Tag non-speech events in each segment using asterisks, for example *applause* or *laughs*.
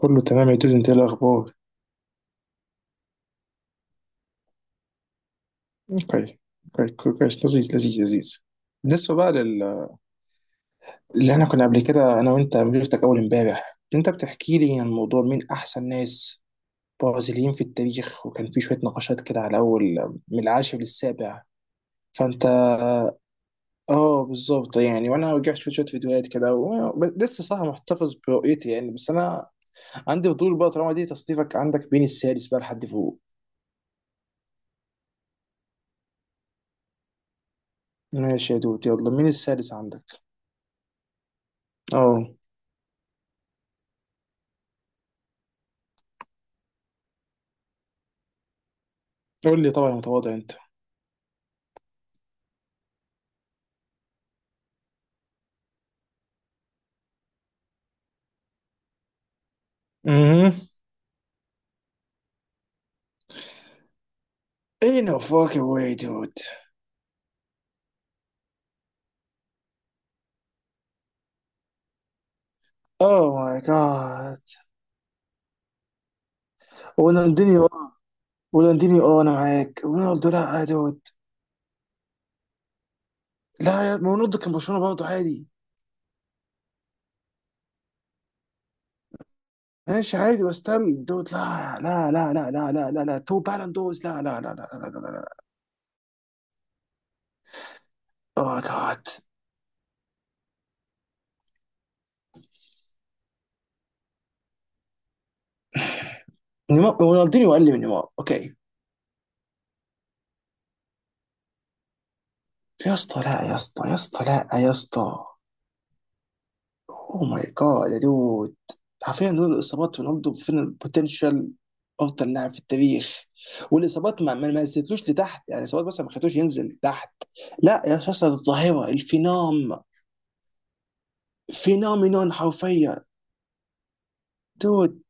كله تمام يا دود، انت ايه الاخبار؟ اوكي. كويس كويس لذيذ لذيذ لذيذ. بالنسبه بقى اللي احنا كنا قبل كده انا وانت لما شفتك اول امبارح، انت بتحكي لي عن موضوع مين احسن ناس برازيليين في التاريخ، وكان في شويه نقاشات كده على اول، من العاشر للسابع. فانت اه بالظبط يعني. وانا رجعت شفت شويه فيديوهات كده لسه صح محتفظ برؤيتي يعني، بس انا عندي فضول بقى، طالما دي تصنيفك عندك بين السادس بقى لحد فوق. ماشي يا دود، يلا مين السادس عندك؟ اه. قول لي، طبعا متواضع انت. Mhm. In a fucking way, dude. Oh my god. ورونالدينيو. ورونالدينيو اه انا معاك، رونالدو لا يا دود. لا يا ما، رونالدو كان برشلونة برضه عادي. ماشي عادي بس تم دود، لا لا لا لا لا لا لا لا، تو بالون دوز، لا لا لا لا لا لا لا. اوه جاد. نيمار، رونالدينيو اقل من نيمار اوكي. يا اسطى لا يا اسطى، يا اسطى لا يا اسطى. اوه ماي جاد يا دود. حرفيا دول الاصابات، رونالدو فين البوتنشال؟ افضل لاعب في التاريخ. والاصابات ما نزلتلوش لتحت يعني، الاصابات بس ما خلتوش ينزل تحت. لا يا شخص الظاهره الفينام، فينومينون حرفيا. دود،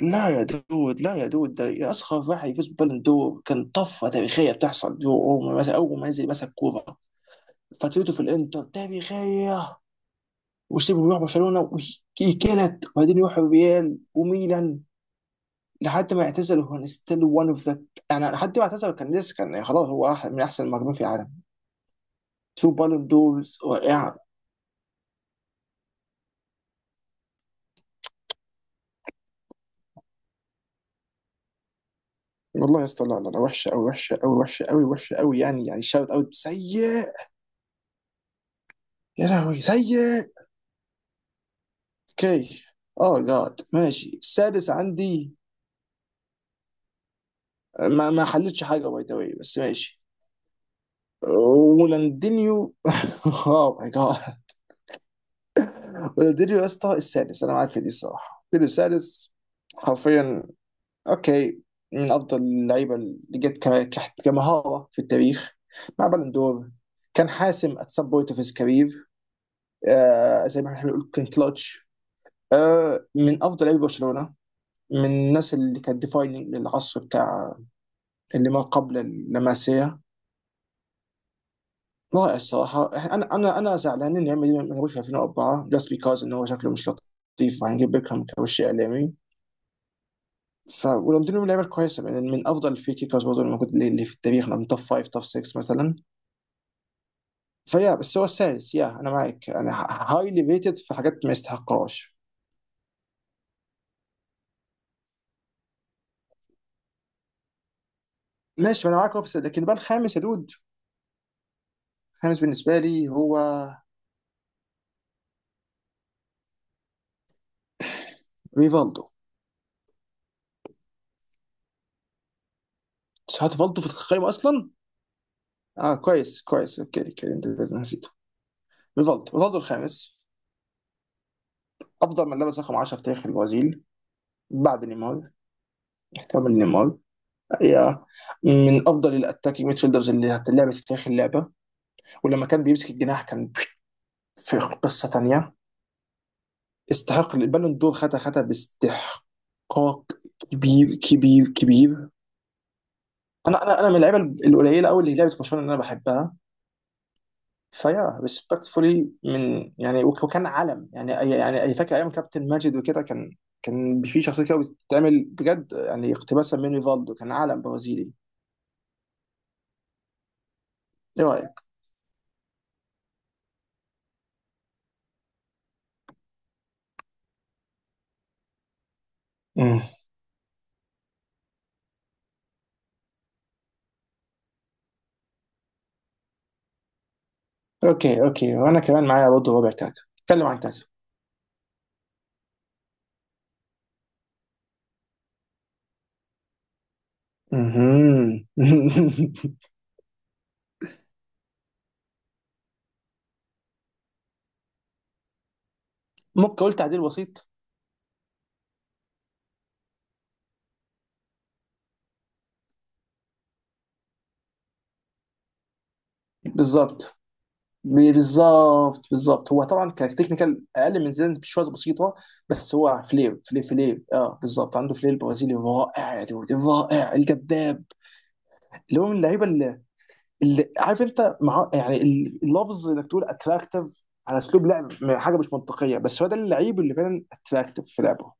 لا يا دود، لا يا دود ده يا، اصغر واحد يفوز بالون دور، كان طفره تاريخيه بتحصل. دو اول ما مسك، اول ما نزل مسك كوره، فترته في الانتر تاريخيه، وسيبه يروح برشلونه ويكلت، وبعدين يروح ريال وميلان. لحد ما اعتزل هو ستيل one of the، يعني لحد ما اعتزل كان لسه، كان خلاص هو من احسن المهاجمين في العالم. تو بالون دورز رائعه. والله يا اسطى لا لا لا، وحشه قوي وحشه قوي وحشه قوي وحشه قوي، يعني يعني شاوت اوت سيء، يا لهوي سيء. اوكي. اه جاد ماشي، السادس عندي. ما حلتش حاجه باي ذا واي، بس ماشي. ولاندينيو. *laughs* اوه ماي جاد. ولاندينيو يا اسطى السادس، انا معاك في دي الصراحه، ولاندينيو السادس حرفيا. اوكي. من افضل اللعيبه اللي جت كمهاره في التاريخ مع بالون دور. كان حاسم at some point of his career. آه زي ما احنا بنقول كان كلاتش. آه من افضل لعيبه برشلونه، من الناس اللي كانت ديفايننج للعصر بتاع اللي ما قبل اللماسيه. رائع الصراحه. انا زعلان ان ريال مدريد ما جابوش في 2004، جاست بيكاز ان هو شكله مش لطيف وهنجيب بيكهام كوش اعلامي. ف ولندن من اللعيبه الكويسه، من افضل الفري كيكرز برضه اللي موجود، اللي في التاريخ من توب 5 توب 6 مثلا. فيا بس هو السادس، يا انا معاك، انا هايلي ريتد في حاجات ما يستحقهاش. ماشي، ما انا معاك اوفيس. لكن بقى الخامس يا دود، الخامس بالنسبه لي هو ريفالدو. هات ريفالدو في القائمه اصلا. اه كويس كويس اوكي اوكي، انت نسيته. ريفالدو، ريفالدو الخامس، افضل من لبس رقم 10 في تاريخ البرازيل بعد نيمار. كامل نيمار يا، من افضل الاتاكينج ميدفيلدرز اللي هتلعب في تاريخ اللعبه. ولما كان بيمسك الجناح، كان في قصه ثانيه. استحق البالون دور، خدها خدها باستحقاق، كبير كبير كبير. انا من اللعيبه القليله قوي اللي لعبت برشلونه اللي انا بحبها. فيا ريسبكتفولي، من يعني وكان علم يعني، يعني أي فاكر ايام كابتن ماجد وكده، كان في شخصيه كده بتتعمل بجد يعني، اقتباسا من ريفالدو، كان علم برازيلي. ايه رايك؟ مم. اوكي اوكي، وانا كمان معايا برضه، ربع كاكا اتكلم عن كاكا. مهم. *laughs* ممكن اقول تعديل بسيط. بالظبط بالظبط بالظبط، هو طبعا كتكنيكال اقل من زيدان بشويه بسيطه، بس هو فلير فلير فلير، اه بالظبط عنده فلير برازيلي رائع يا دود، رائع الجذاب. اللي هو من اللعيبه اللي، اللي عارف انت مع يعني اللفظ انك تقول اتراكتيف على اسلوب لعب، حاجه مش منطقيه، بس هو ده اللعيب اللي فعلا اتراكتيف في لعبه.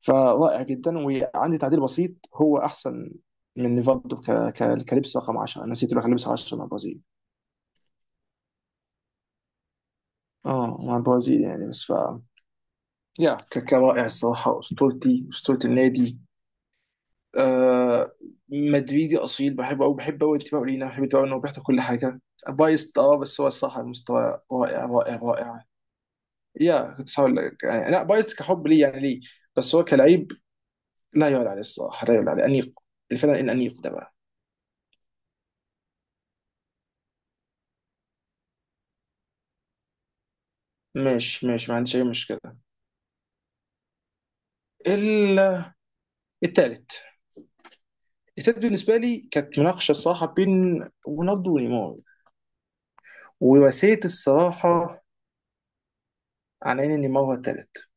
فرائع جدا. وعندي تعديل بسيط، هو احسن من نيفالدو كلبس رقم 10. أنا نسيت اقول لك، كلبس 10 مع البرازيل. اه، مع البرازيل يعني بس. ف، يا كاكا رائع الصراحة، أسطورتي، أسطورة النادي. آه، مدريدي أصيل، بحبه أوي، بحب أوي انتباهه لينا، بحب انتباهه إنه بيحضر كل حاجة. بايست، أه بس هو الصراحة المستوى رائع رائع رائع. يا كنت هقول لك يعني، لا بايست كحب ليه يعني، ليه بس هو كلعيب لا يعلى عليه الصراحة، لا يعلى عليه أنيق. الفنان الأنيق ده بقى. ماشي ماشي، ما عنديش أي مشكلة. ال- التالت، التالت بالنسبة لي كانت مناقشة الصراحة بين رونالدو ونيمار، ورسيت الصراحة على إن نيمار هو التالت.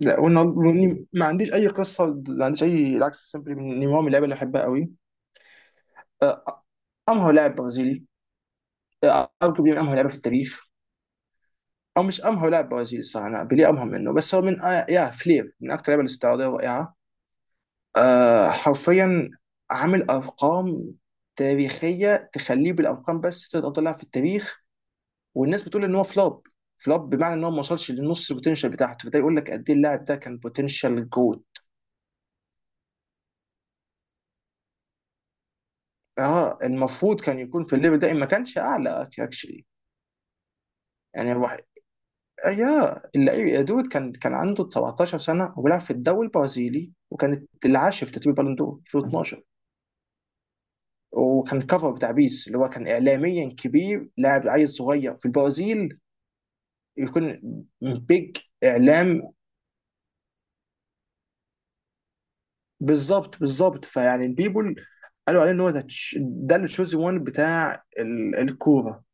لا، وإني ما عنديش أي قصة، ما عنديش أي العكس، سيمبلي نيمار من اللعيبة اللي أحبها قوي. آه، أمهر لاعب برازيلي. آه، أرجو من أمهر لعيبة في التاريخ، أو مش أمهر لاعب برازيلي صح، أنا بيليه أمهر منه. بس هو من آه يا فلير، من أكتر اللعيبة الاستعراضية الرائعة. آه حرفيا. عامل أرقام تاريخية تخليه بالأرقام، بس تلات أفضل لاعب في التاريخ. والناس بتقول إن هو فلوب، فلوب بمعنى إن هو ما وصلش لنص البوتنشال بتاعته، فده يقول لك قد إيه اللاعب ده كان بوتنشال جوت. اه، المفروض كان يكون في الليفل ده إن ما كانش اعلى اكشلي. يعني الواحد، آه يا اللعيب يا دود، كان عنده 17 سنه وبيلعب في الدوري البرازيلي، وكانت العاشر في ترتيب البالون دور 2012، وكان كفر بتاع بيس اللي هو كان اعلاميا كبير، لاعب عيل صغير في البرازيل يكون بيج اعلام. بالظبط بالظبط، فيعني البيبول قالوا عليه ان هو ده ده التشوزي، وان بتاع الكوره.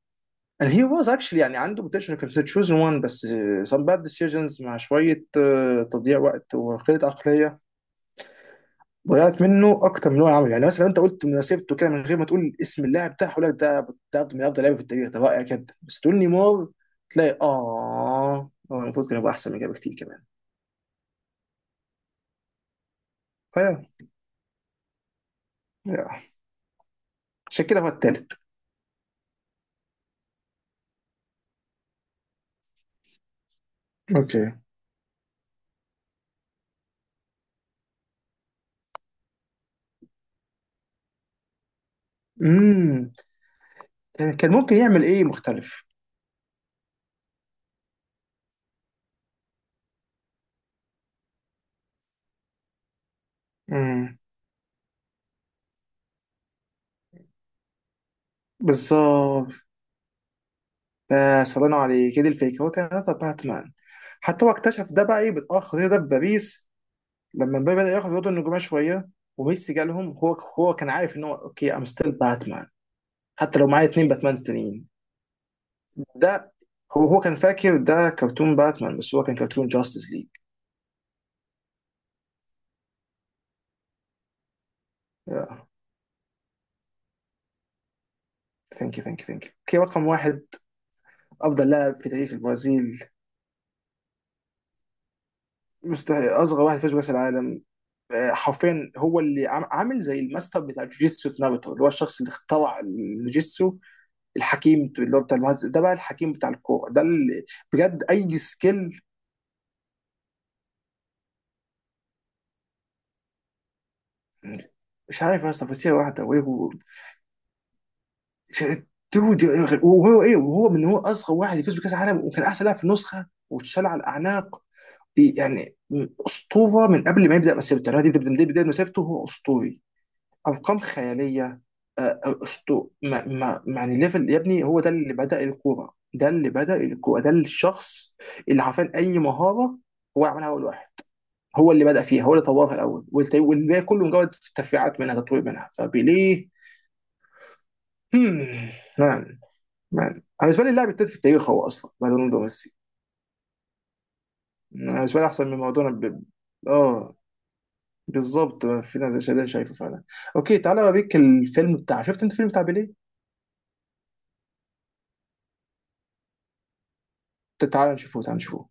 And he was actually يعني عنده potential، كان في chosen one. بس some bad decisions مع شوية تضييع وقت وقلة عقلية، ضيعت منه أكتر من هو عمل. يعني مثلا لو أنت قلت مسيرته كده من غير ما تقول اسم اللاعب ده، هقول لك ده ده من أفضل لعيبة في التاريخ، ده رائع جدا. بس تقول نيمار، تلاقي آه هو المفروض كان يبقى أحسن من كده بكتير كمان. فيا يا. عشان كده هو التالت. اوكي. امم كان ممكن يعمل إيه مختلف. امم بالظبط، فسلام عليك هي دي الفكره، هو كان هدف باتمان. حتى هو اكتشف ده بقى ايه بتاخر الخطير ده بباريس لما مبابي بدا ياخد الوضع النجوميه شويه وميسي جالهم، هو هو كان عارف ان هو اوكي ام ستيل باتمان، حتى لو معايا اتنين باتمان تانيين. ده. هو هو كان فاكر ده كرتون باتمان، بس هو كان كرتون جاستس ليج. ثانك يو ثانك يو ثانك يو، اوكي رقم واحد، افضل لاعب في تاريخ البرازيل. مستحيل، اصغر واحد فاز بكاس العالم. آه، حرفيا هو اللي عامل زي الماستر بتاع جوجيتسو في ناروتو، اللي هو الشخص اللي اخترع الجوجيتسو، الحكيم اللي هو بتاع المهندس ده بقى، الحكيم بتاع الكوره ده اللي بجد اي سكيل. مش عارف يا اسطى، فسيره واحده وهو. دود، وهو ايه، وهو من هو اصغر واحد يفوز بكاس العالم، وكان احسن لاعب في النسخه واتشال على الاعناق يعني، اسطوره من قبل ما يبدا مسيرته، يعني هو دي بدايه بدايه مسيرته هو اسطوري. ارقام خياليه. آه، آه، اسطو ما ما يعني ليفل يا ابني. هو ده اللي بدا الكوره، ده اللي بدا الكوره، ده الشخص اللي عارفين اي مهاره هو عملها اول واحد، هو اللي بدأ فيها، هو اللي طورها الأول والباقي كله مجرد تفريعات منها، تطوير منها. فبيليه. هم، مان. مان أنا بالنسبة لي اللاعب التالت في التاريخ هو أصلا بعد رونالدو وميسي. أنا بالنسبة لي أحسن من مارادونا ب... آه. بالظبط، في ناس ده شايفه فعلا. أوكي، تعالى أوريك الفيلم بتاع، شفت أنت الفيلم بتاع بيليه؟ تعالى نشوفه، تعالى نشوفه.